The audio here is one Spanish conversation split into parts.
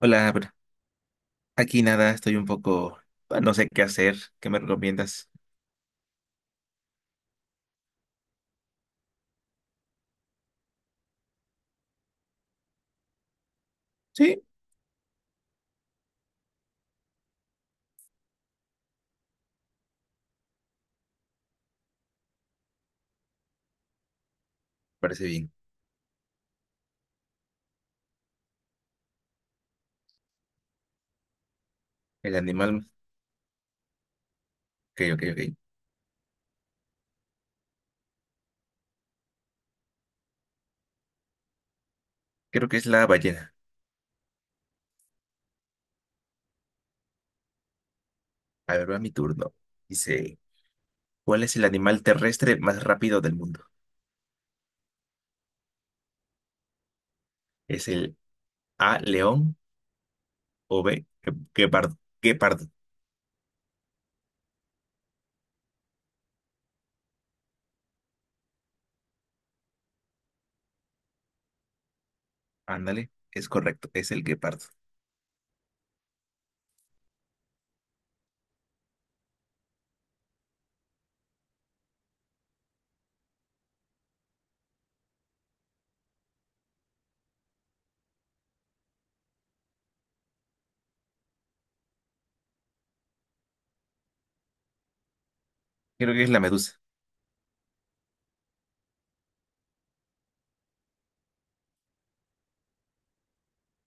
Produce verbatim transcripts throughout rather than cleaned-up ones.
Hola, bro. Aquí nada, estoy un poco, ah, no sé qué hacer. ¿Qué me recomiendas? Sí, parece bien. El animal, ok, ok, ok. Creo que es la ballena. A ver, va mi turno. Dice, ¿cuál es el animal terrestre más rápido del mundo? ¿Es el A, león o B, gue- guepardo? Guepardo. Ándale, es correcto, es el guepardo. Creo que es la medusa.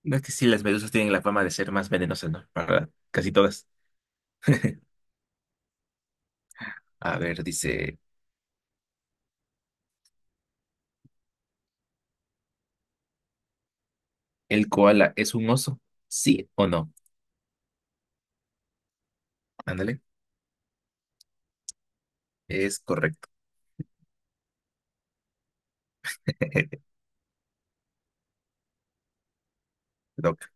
No, es que sí, las medusas tienen la fama de ser más venenosas, ¿no? Para casi todas. A ver, dice, ¿el koala es un oso? ¿Sí o no? Ándale. Es correcto. Te toca.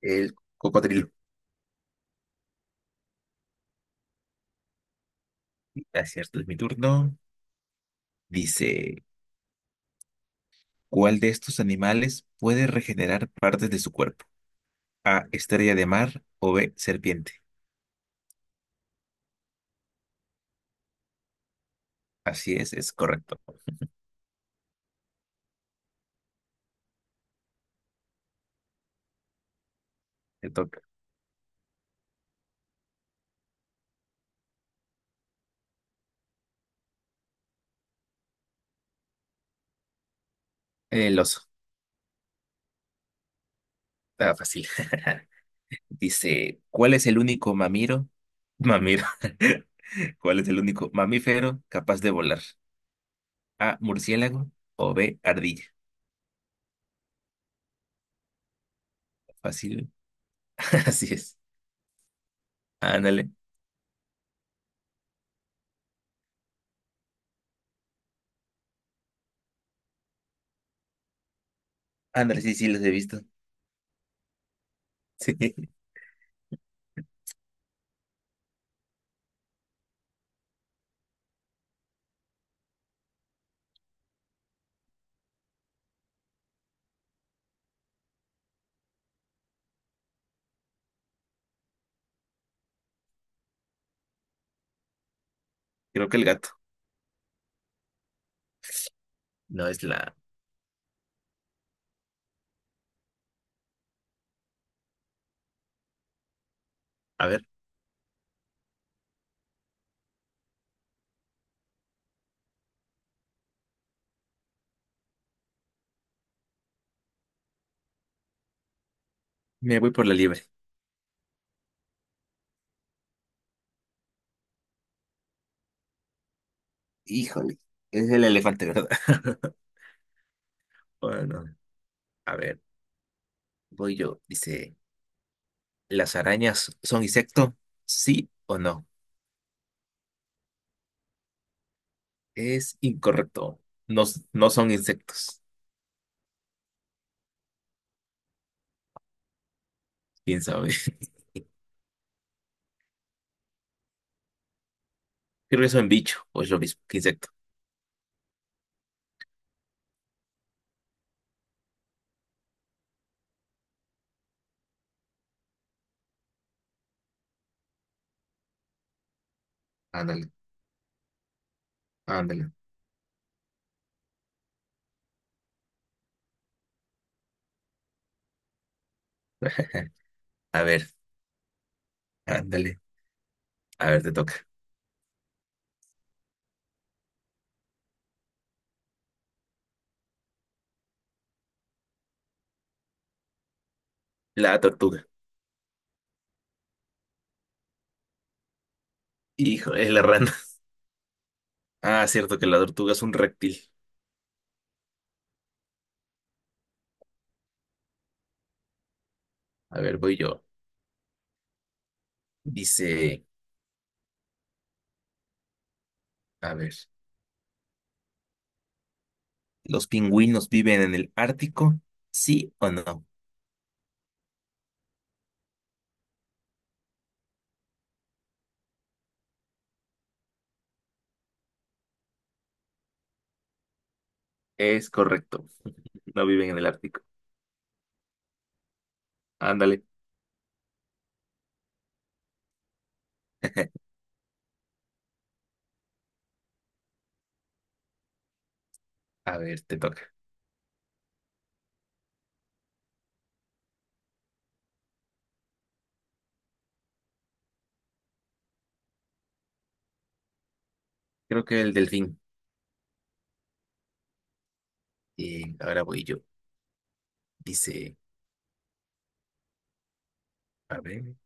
El cocodrilo. Ah, es cierto, es mi turno. Dice, ¿cuál de estos animales puede regenerar partes de su cuerpo? A, estrella de mar o B, serpiente. Así es, es correcto. Te toca. El oso. Está fácil. Dice, ¿cuál es el único mamiro? Mamiro. ¿Cuál es el único mamífero capaz de volar? A, murciélago o B, ardilla. Fácil. Así es. Ándale. Ándale, sí, sí, los he visto. Sí, creo que el gato. No es la. A ver, me voy por la liebre. Híjole, es el elefante, ¿verdad? Bueno, a ver, voy yo. Dice, ¿las arañas son insecto? ¿Sí o no? Es incorrecto. No, s- no son insectos. ¿Quién sabe? Creo que son bicho o es lo mismo que insecto. Ándale, ándale. A ver, ándale. A ver, te toca. La tortuga. Hijo, es la rana. Ah, cierto que la tortuga es un reptil. A ver, voy yo. Dice, a ver. ¿Los pingüinos viven en el Ártico? ¿Sí o no? Es correcto, no viven en el Ártico. Ándale, a ver, te toca. Creo que el delfín. Bien, ahora voy yo. Dice, a ver,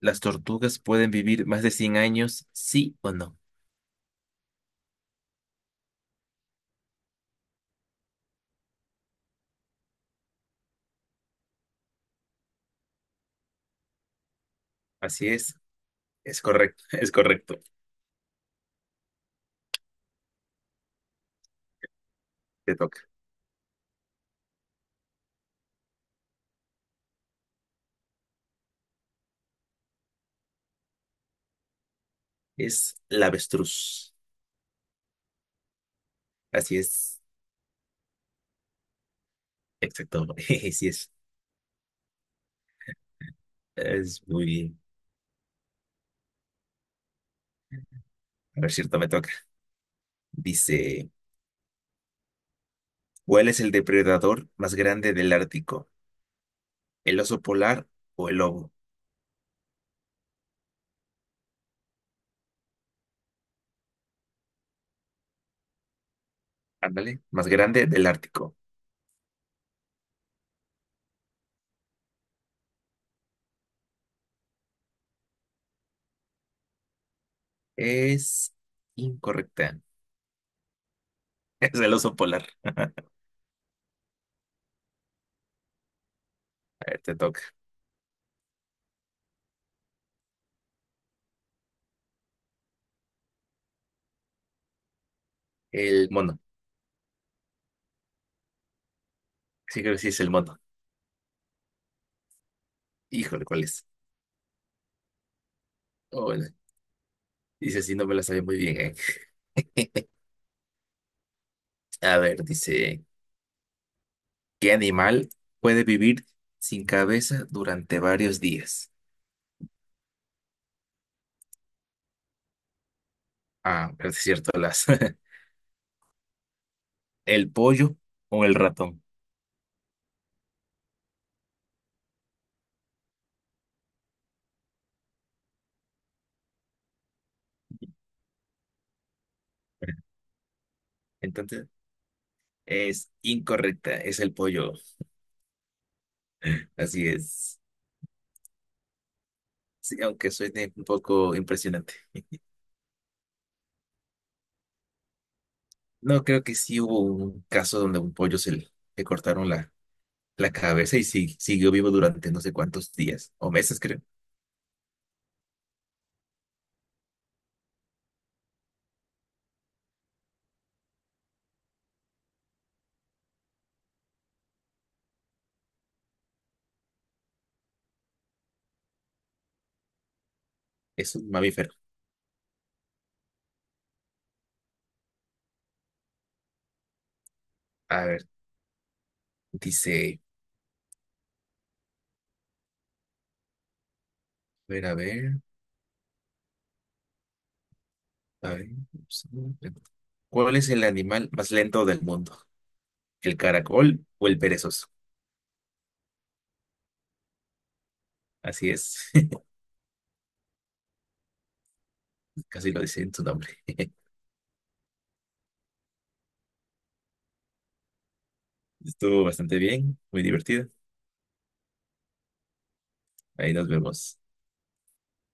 ¿las tortugas pueden vivir más de cien años? ¿Sí o no? Así es, es correcto, es correcto, te toca. Es la avestruz. Así es. Exacto. Sí es. Es muy bien. A ver, cierto, me toca. Dice, ¿cuál es el depredador más grande del Ártico? ¿El oso polar o el lobo? Ándale, más grande del Ártico. Es incorrecta. Es el oso polar. A ver, te toca. El mono. Sí, creo que sí es el mono. Híjole, ¿cuál es? Oh, bueno. Dice así, no me la sabía muy bien, ¿eh? A ver, dice, ¿qué animal puede vivir sin cabeza durante varios días? Ah, pero sí es cierto, las. ¿El pollo o el ratón? Entonces, es incorrecta, es el pollo. Así es. Sí, aunque suene un poco impresionante. No, creo que sí hubo un caso donde a un pollo se le, le cortaron la, la cabeza y sí, siguió vivo durante no sé cuántos días o meses, creo. Es un mamífero. A ver, dice, a ver, a ver, a ver. ¿Cuál es el animal más lento del mundo? ¿El caracol o el perezoso? Así es, casi lo dice en su nombre. Estuvo bastante bien, muy divertido. Ahí nos vemos.